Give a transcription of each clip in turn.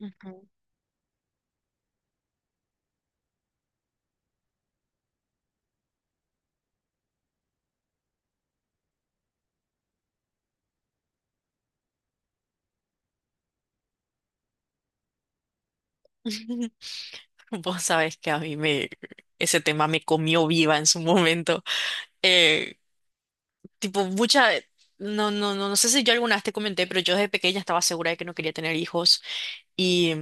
Ujú. Vos sabés que ese tema me comió viva en su momento. Eh, Tipo, no sé si yo alguna vez te comenté, pero yo desde pequeña estaba segura de que no quería tener hijos y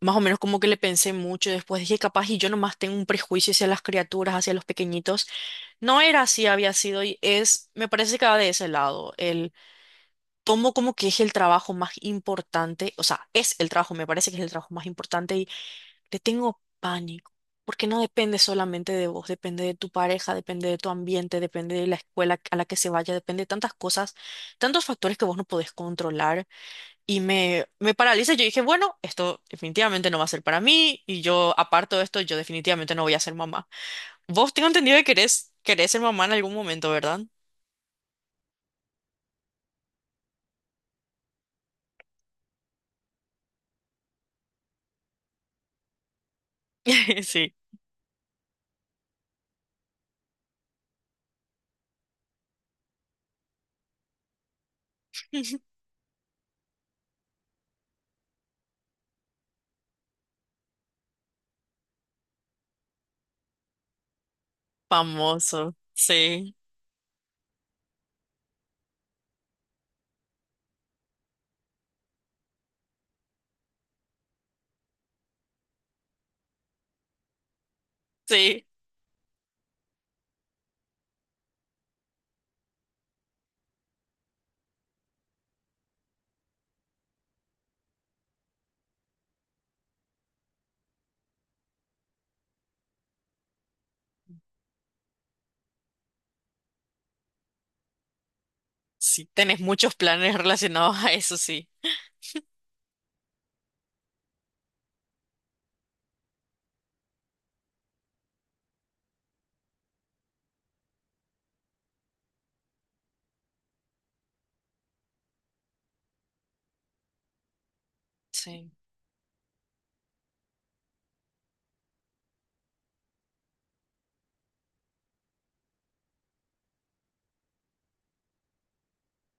más o menos como que le pensé mucho y después dije, capaz y yo nomás tengo un prejuicio hacia las criaturas, hacia los pequeñitos. No era así, había sido y es, me parece que va de ese lado, el tomo como que es el trabajo más importante, o sea, es el trabajo, me parece que es el trabajo más importante. Le tengo pánico, porque no depende solamente de vos, depende de tu pareja, depende de tu ambiente, depende de la escuela a la que se vaya, depende de tantas cosas, tantos factores que vos no podés controlar. Y me paraliza. Yo dije, bueno, esto definitivamente no va a ser para mí, y yo aparto de esto, yo definitivamente no voy a ser mamá. Vos tengo entendido que querés ser mamá en algún momento, ¿verdad? Sí. Famoso. Sí, sí. Sí, tenés muchos planes relacionados a eso, sí. Sí.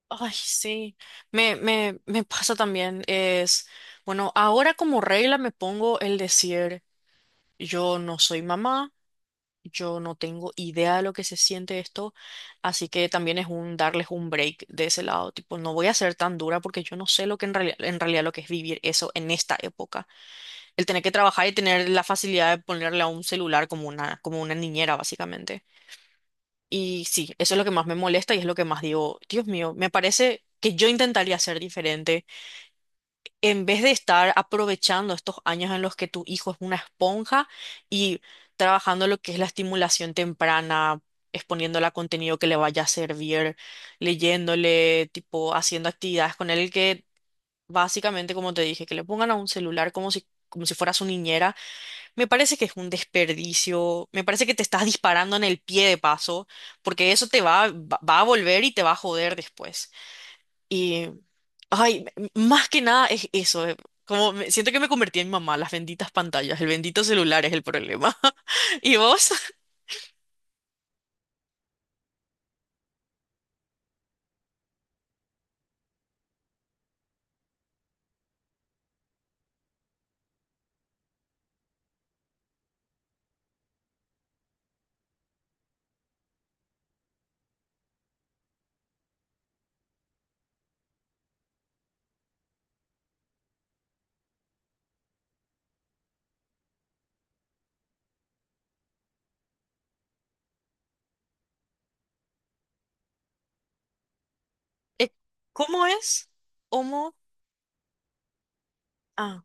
Ay, sí, me pasa también. Es, bueno, ahora como regla me pongo el decir, yo no soy mamá, yo no tengo idea de lo que se siente esto, así que también es un darles un break de ese lado, tipo, no voy a ser tan dura porque yo no sé lo que en realidad lo que es vivir eso en esta época. El tener que trabajar y tener la facilidad de ponerle a un celular como una niñera, básicamente. Y sí, eso es lo que más me molesta y es lo que más digo, Dios mío, me parece que yo intentaría ser diferente. En vez de estar aprovechando estos años en los que tu hijo es una esponja y trabajando lo que es la estimulación temprana, exponiéndole a contenido que le vaya a servir, leyéndole, tipo, haciendo actividades con él que básicamente, como te dije, que le pongan a un celular como si fuera su niñera. Me parece que es un desperdicio, me parece que te estás disparando en el pie de paso, porque eso te va, va a volver y te va a joder después. Y, ay, más que nada es eso, como siento que me convertí en mamá, las benditas pantallas, el bendito celular es el problema. ¿Y vos? Eh, ¿Cómo es? ¿Cómo? Ah,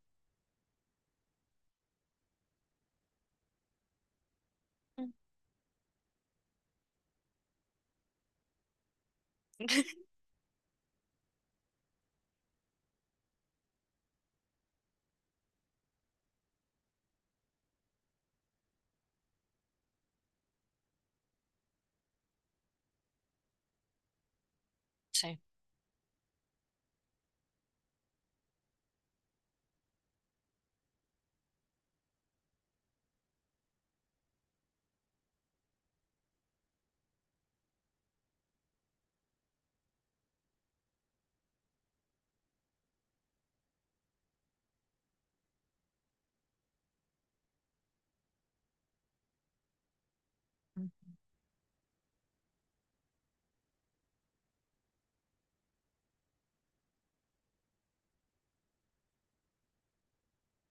sí.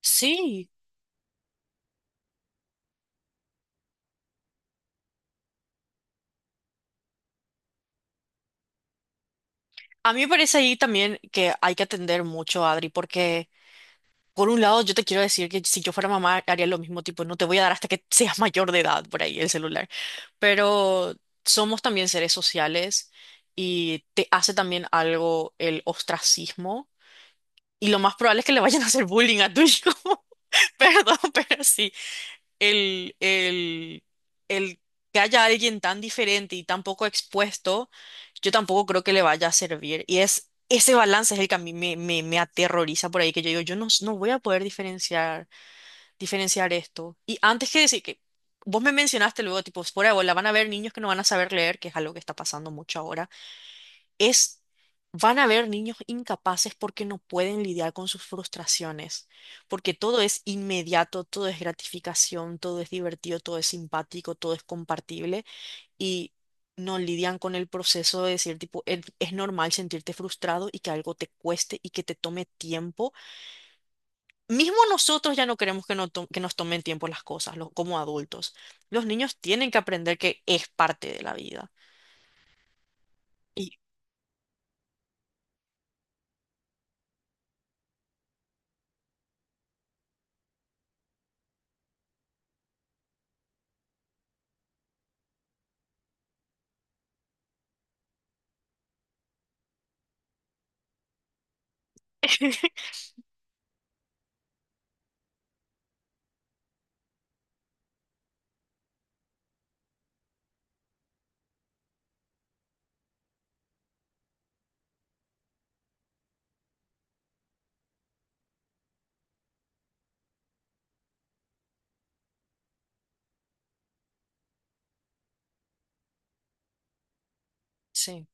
Sí, a mí me parece ahí también que hay que atender mucho, Adri, porque... Por un lado, yo te quiero decir que si yo fuera mamá haría lo mismo, tipo, no te voy a dar hasta que seas mayor de edad por ahí el celular. Pero somos también seres sociales y te hace también algo el ostracismo. Y lo más probable es que le vayan a hacer bullying a tu hijo. Perdón, pero sí. El, el, el que haya alguien tan diferente y tan poco expuesto, yo tampoco creo que le vaya a servir. Y es ese balance es el que a mí me aterroriza por ahí, que yo digo, yo no, no voy a poder diferenciar esto. Y antes que decir que vos me mencionaste luego, tipo, fuera de bola, van a haber niños que no van a saber leer, que es algo que está pasando mucho ahora, es, van a haber niños incapaces porque no pueden lidiar con sus frustraciones, porque todo es inmediato, todo es gratificación, todo es divertido, todo es simpático, todo es compartible y... no lidian con el proceso de decir, tipo, "Es normal sentirte frustrado y que algo te cueste y que te tome tiempo". Mismo nosotros ya no queremos que, no to- que nos tomen tiempo las cosas, los, como adultos. Los niños tienen que aprender que es parte de la vida. Y sí.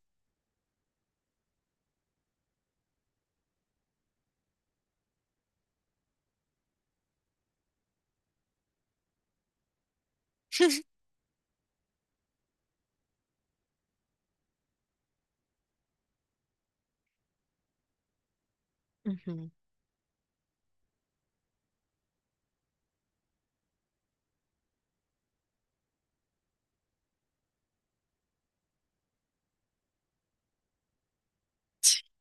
Ujú.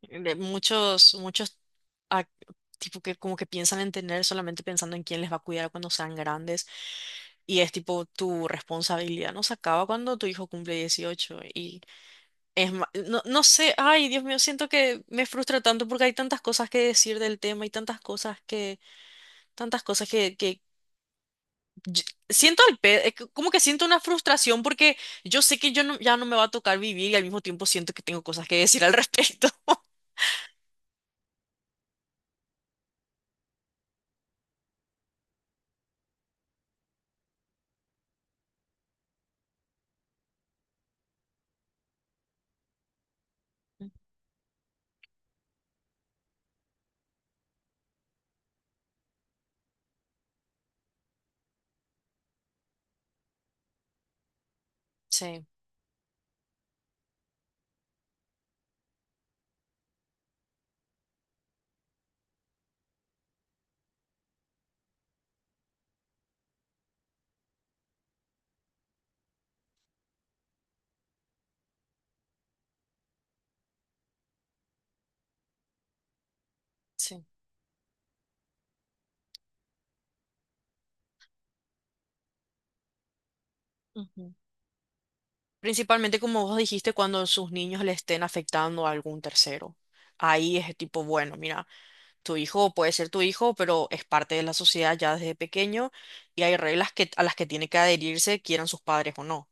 De muchos, ac- tipo que como que piensan en tener solamente pensando en quién les va a cuidar cuando sean grandes. Y es tipo tu responsabilidad no se acaba cuando tu hijo cumple 18. Y es no, no sé, ay, Dios mío, siento que me frustra tanto porque hay tantas cosas que decir del tema y tantas cosas que, tantas cosas que, que yo- siento al como que siento una frustración porque yo sé que yo ya no me va a tocar vivir y al mismo tiempo siento que tengo cosas que decir al respecto. Sí, sí. Ujú. Principalmente como vos dijiste, cuando sus niños le estén afectando a algún tercero. Ahí es tipo, bueno, mira, tu hijo puede ser tu hijo, pero es parte de la sociedad ya desde pequeño y hay reglas que, a las que tiene que adherirse, quieran sus padres o no.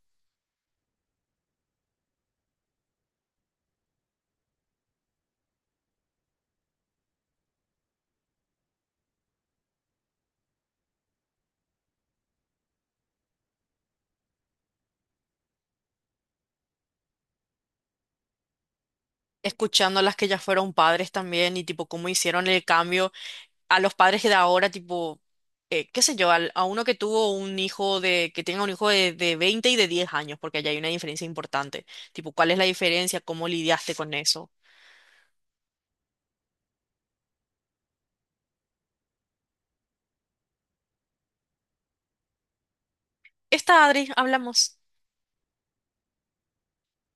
Escuchando a las que ya fueron padres también y tipo cómo hicieron el cambio. A los padres que de ahora, tipo, qué sé yo, a uno que tuvo un hijo de, que tenga un hijo de 20 y de 10 años, porque allá hay una diferencia importante. Tipo, ¿cuál es la diferencia? ¿Cómo lidiaste con eso? Está, Adri, hablamos.